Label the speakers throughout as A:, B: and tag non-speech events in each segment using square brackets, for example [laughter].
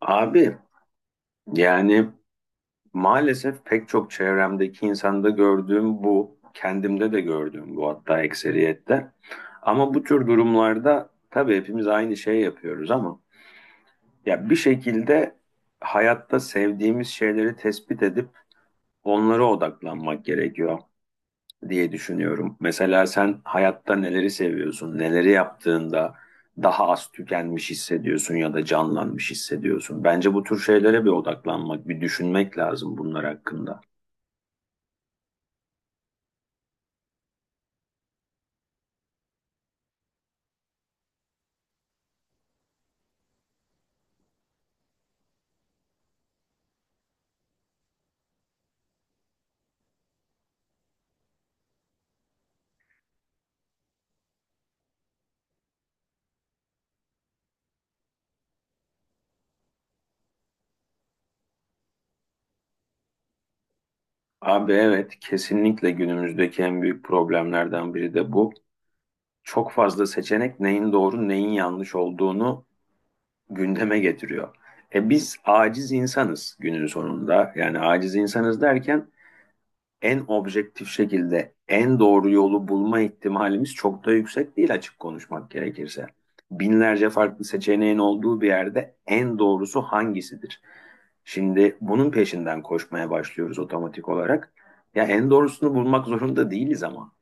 A: Abi yani maalesef pek çok çevremdeki insanda gördüğüm bu, kendimde de gördüğüm bu hatta ekseriyette. Ama bu tür durumlarda tabii hepimiz aynı şey yapıyoruz ama ya bir şekilde hayatta sevdiğimiz şeyleri tespit edip onlara odaklanmak gerekiyor diye düşünüyorum. Mesela sen hayatta neleri seviyorsun, neleri yaptığında daha az tükenmiş hissediyorsun ya da canlanmış hissediyorsun. Bence bu tür şeylere bir odaklanmak, bir düşünmek lazım bunlar hakkında. Abi evet, kesinlikle günümüzdeki en büyük problemlerden biri de bu. Çok fazla seçenek neyin doğru, neyin yanlış olduğunu gündeme getiriyor. E biz aciz insanız günün sonunda. Yani aciz insanız derken en objektif şekilde en doğru yolu bulma ihtimalimiz çok da yüksek değil açık konuşmak gerekirse. Binlerce farklı seçeneğin olduğu bir yerde en doğrusu hangisidir? Şimdi bunun peşinden koşmaya başlıyoruz otomatik olarak. Ya en doğrusunu bulmak zorunda değiliz ama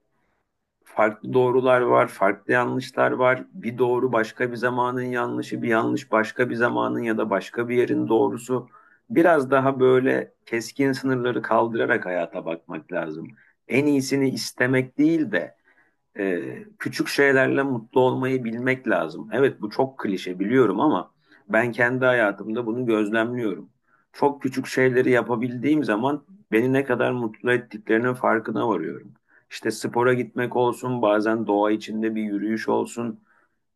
A: farklı doğrular var, farklı yanlışlar var. Bir doğru başka bir zamanın yanlışı, bir yanlış başka bir zamanın ya da başka bir yerin doğrusu. Biraz daha böyle keskin sınırları kaldırarak hayata bakmak lazım. En iyisini istemek değil de küçük şeylerle mutlu olmayı bilmek lazım. Evet bu çok klişe biliyorum ama ben kendi hayatımda bunu gözlemliyorum. Çok küçük şeyleri yapabildiğim zaman beni ne kadar mutlu ettiklerinin farkına varıyorum. İşte spora gitmek olsun, bazen doğa içinde bir yürüyüş olsun,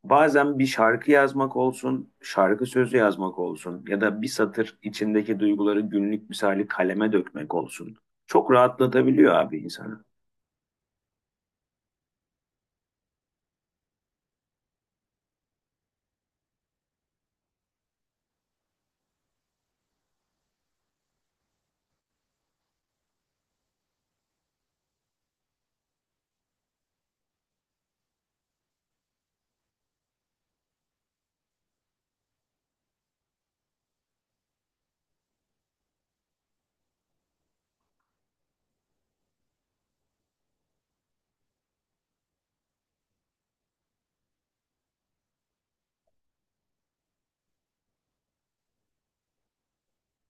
A: bazen bir şarkı yazmak olsun, şarkı sözü yazmak olsun ya da bir satır içindeki duyguları günlük misali kaleme dökmek olsun. Çok rahatlatabiliyor abi insanı.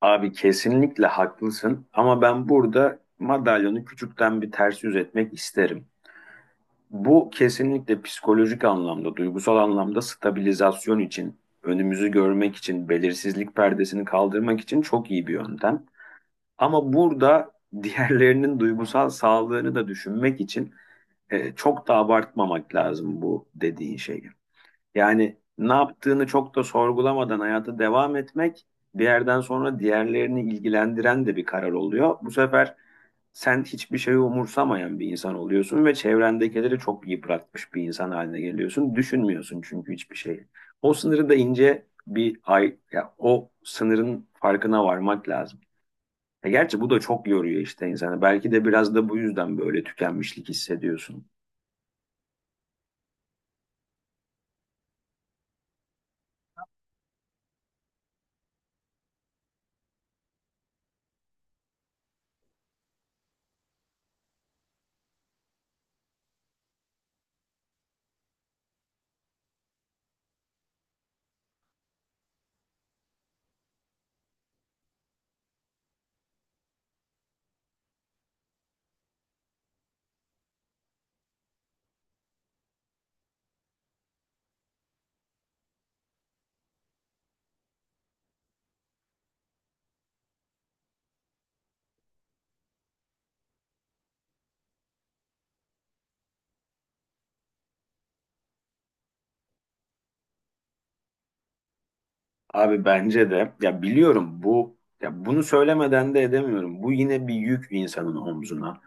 A: Abi kesinlikle haklısın ama ben burada madalyonu küçükten bir ters yüz etmek isterim. Bu kesinlikle psikolojik anlamda, duygusal anlamda stabilizasyon için, önümüzü görmek için, belirsizlik perdesini kaldırmak için çok iyi bir yöntem. Ama burada diğerlerinin duygusal sağlığını da düşünmek için çok da abartmamak lazım bu dediğin şeyi. Yani ne yaptığını çok da sorgulamadan hayata devam etmek bir yerden sonra diğerlerini ilgilendiren de bir karar oluyor. Bu sefer sen hiçbir şeyi umursamayan bir insan oluyorsun ve çevrendekileri çok yıpratmış bir insan haline geliyorsun. Düşünmüyorsun çünkü hiçbir şeyi. O sınırı da ince bir ay, ya o sınırın farkına varmak lazım. E gerçi bu da çok yoruyor işte insanı. Belki de biraz da bu yüzden böyle tükenmişlik hissediyorsun. Abi bence de ya biliyorum bu ya bunu söylemeden de edemiyorum. Bu yine bir yük insanın omzuna.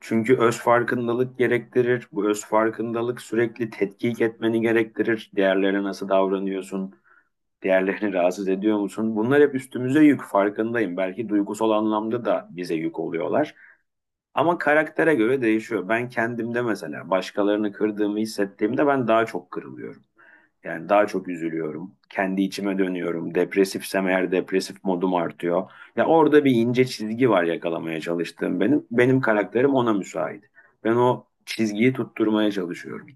A: Çünkü öz farkındalık gerektirir. Bu öz farkındalık sürekli tetkik etmeni gerektirir. Diğerlerine nasıl davranıyorsun? Diğerlerini [laughs] rahatsız ediyor musun? Bunlar hep üstümüze yük farkındayım. Belki duygusal anlamda da bize yük oluyorlar. Ama karaktere göre değişiyor. Ben kendimde mesela başkalarını kırdığımı hissettiğimde ben daha çok kırılıyorum. Yani daha çok üzülüyorum. Kendi içime dönüyorum. Depresifsem eğer depresif modum artıyor. Ya orada bir ince çizgi var yakalamaya çalıştığım benim. Benim karakterim ona müsait. Ben o çizgiyi tutturmaya çalışıyorum.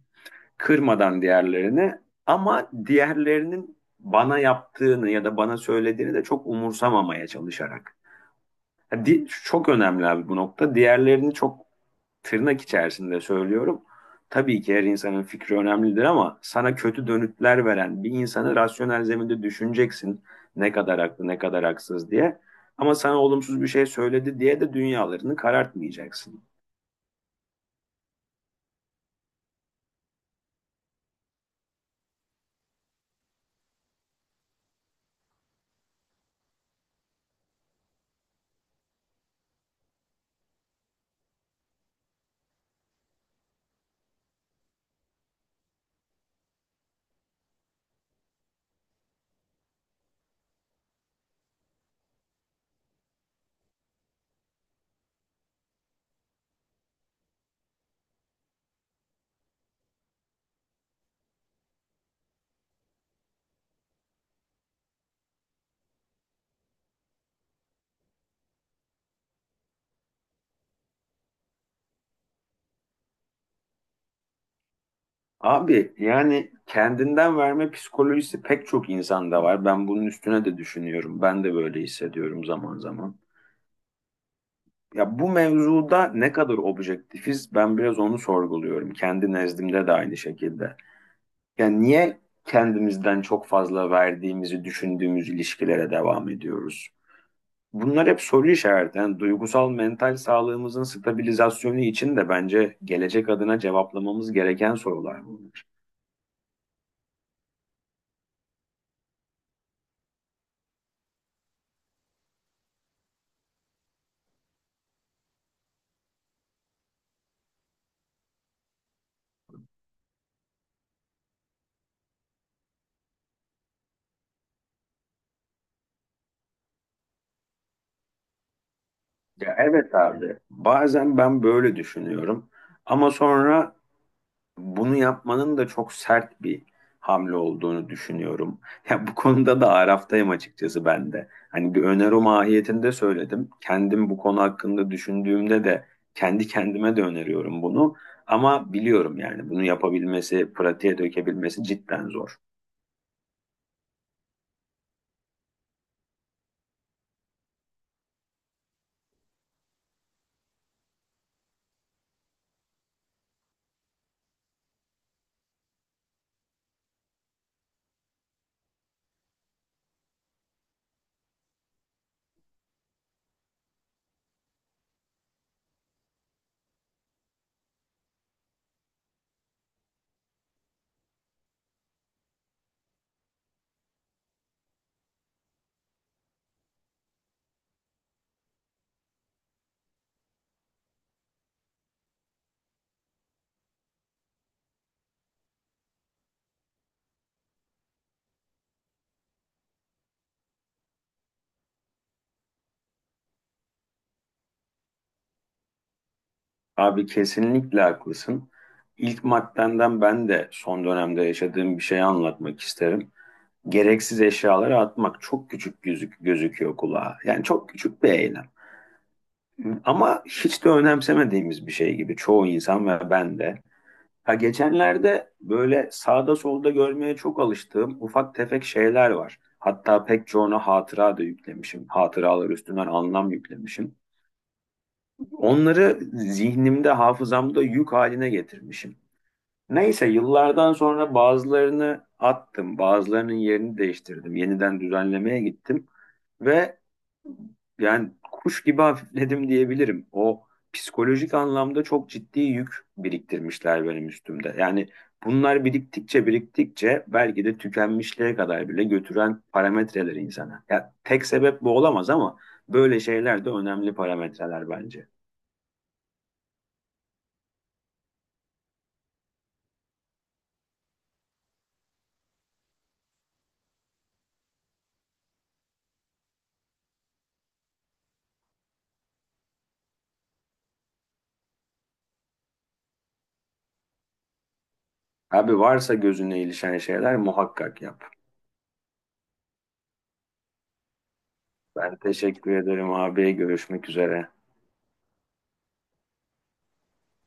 A: Kırmadan diğerlerini, ama diğerlerinin bana yaptığını ya da bana söylediğini de çok umursamamaya çalışarak. Çok önemli abi bu nokta. Diğerlerini çok tırnak içerisinde söylüyorum. Tabii ki her insanın fikri önemlidir ama sana kötü dönütler veren bir insanı rasyonel zeminde düşüneceksin. Ne kadar haklı, ne kadar haksız diye. Ama sana olumsuz bir şey söyledi diye de dünyalarını karartmayacaksın. Abi yani kendinden verme psikolojisi pek çok insanda var. Ben bunun üstüne de düşünüyorum. Ben de böyle hissediyorum zaman zaman. Ya bu mevzuda ne kadar objektifiz ben biraz onu sorguluyorum. Kendi nezdimde de aynı şekilde. Yani niye kendimizden çok fazla verdiğimizi düşündüğümüz ilişkilere devam ediyoruz? Bunlar hep soru işareti. Yani duygusal mental sağlığımızın stabilizasyonu için de bence gelecek adına cevaplamamız gereken sorular bunlar. Ya evet abi, bazen ben böyle düşünüyorum ama sonra bunu yapmanın da çok sert bir hamle olduğunu düşünüyorum. [laughs] Ya bu konuda da araftayım açıkçası ben de. Hani bir öneri mahiyetinde söyledim. Kendim bu konu hakkında düşündüğümde de kendi kendime de öneriyorum bunu. Ama biliyorum yani bunu yapabilmesi, pratiğe dökebilmesi cidden zor. Abi kesinlikle haklısın. İlk maddenden ben de son dönemde yaşadığım bir şeyi anlatmak isterim. Gereksiz eşyaları atmak çok küçük gözüküyor kulağa. Yani çok küçük bir eylem. Ama hiç de önemsemediğimiz bir şey gibi çoğu insan ve ben de. Ha geçenlerde böyle sağda solda görmeye çok alıştığım ufak tefek şeyler var. Hatta pek çoğuna hatıra da yüklemişim. Hatıralar üstünden anlam yüklemişim. Onları zihnimde, hafızamda yük haline getirmişim. Neyse yıllardan sonra bazılarını attım, bazılarının yerini değiştirdim. Yeniden düzenlemeye gittim ve yani kuş gibi [laughs] hafifledim diyebilirim. O psikolojik anlamda çok ciddi yük biriktirmişler benim üstümde. Yani bunlar biriktikçe biriktikçe belki de tükenmişliğe kadar bile götüren parametreler insana. Ya tek sebep bu olamaz ama böyle şeyler de önemli parametreler bence. Abi varsa gözüne ilişen şeyler muhakkak yap. Ben teşekkür ederim abi. Görüşmek üzere.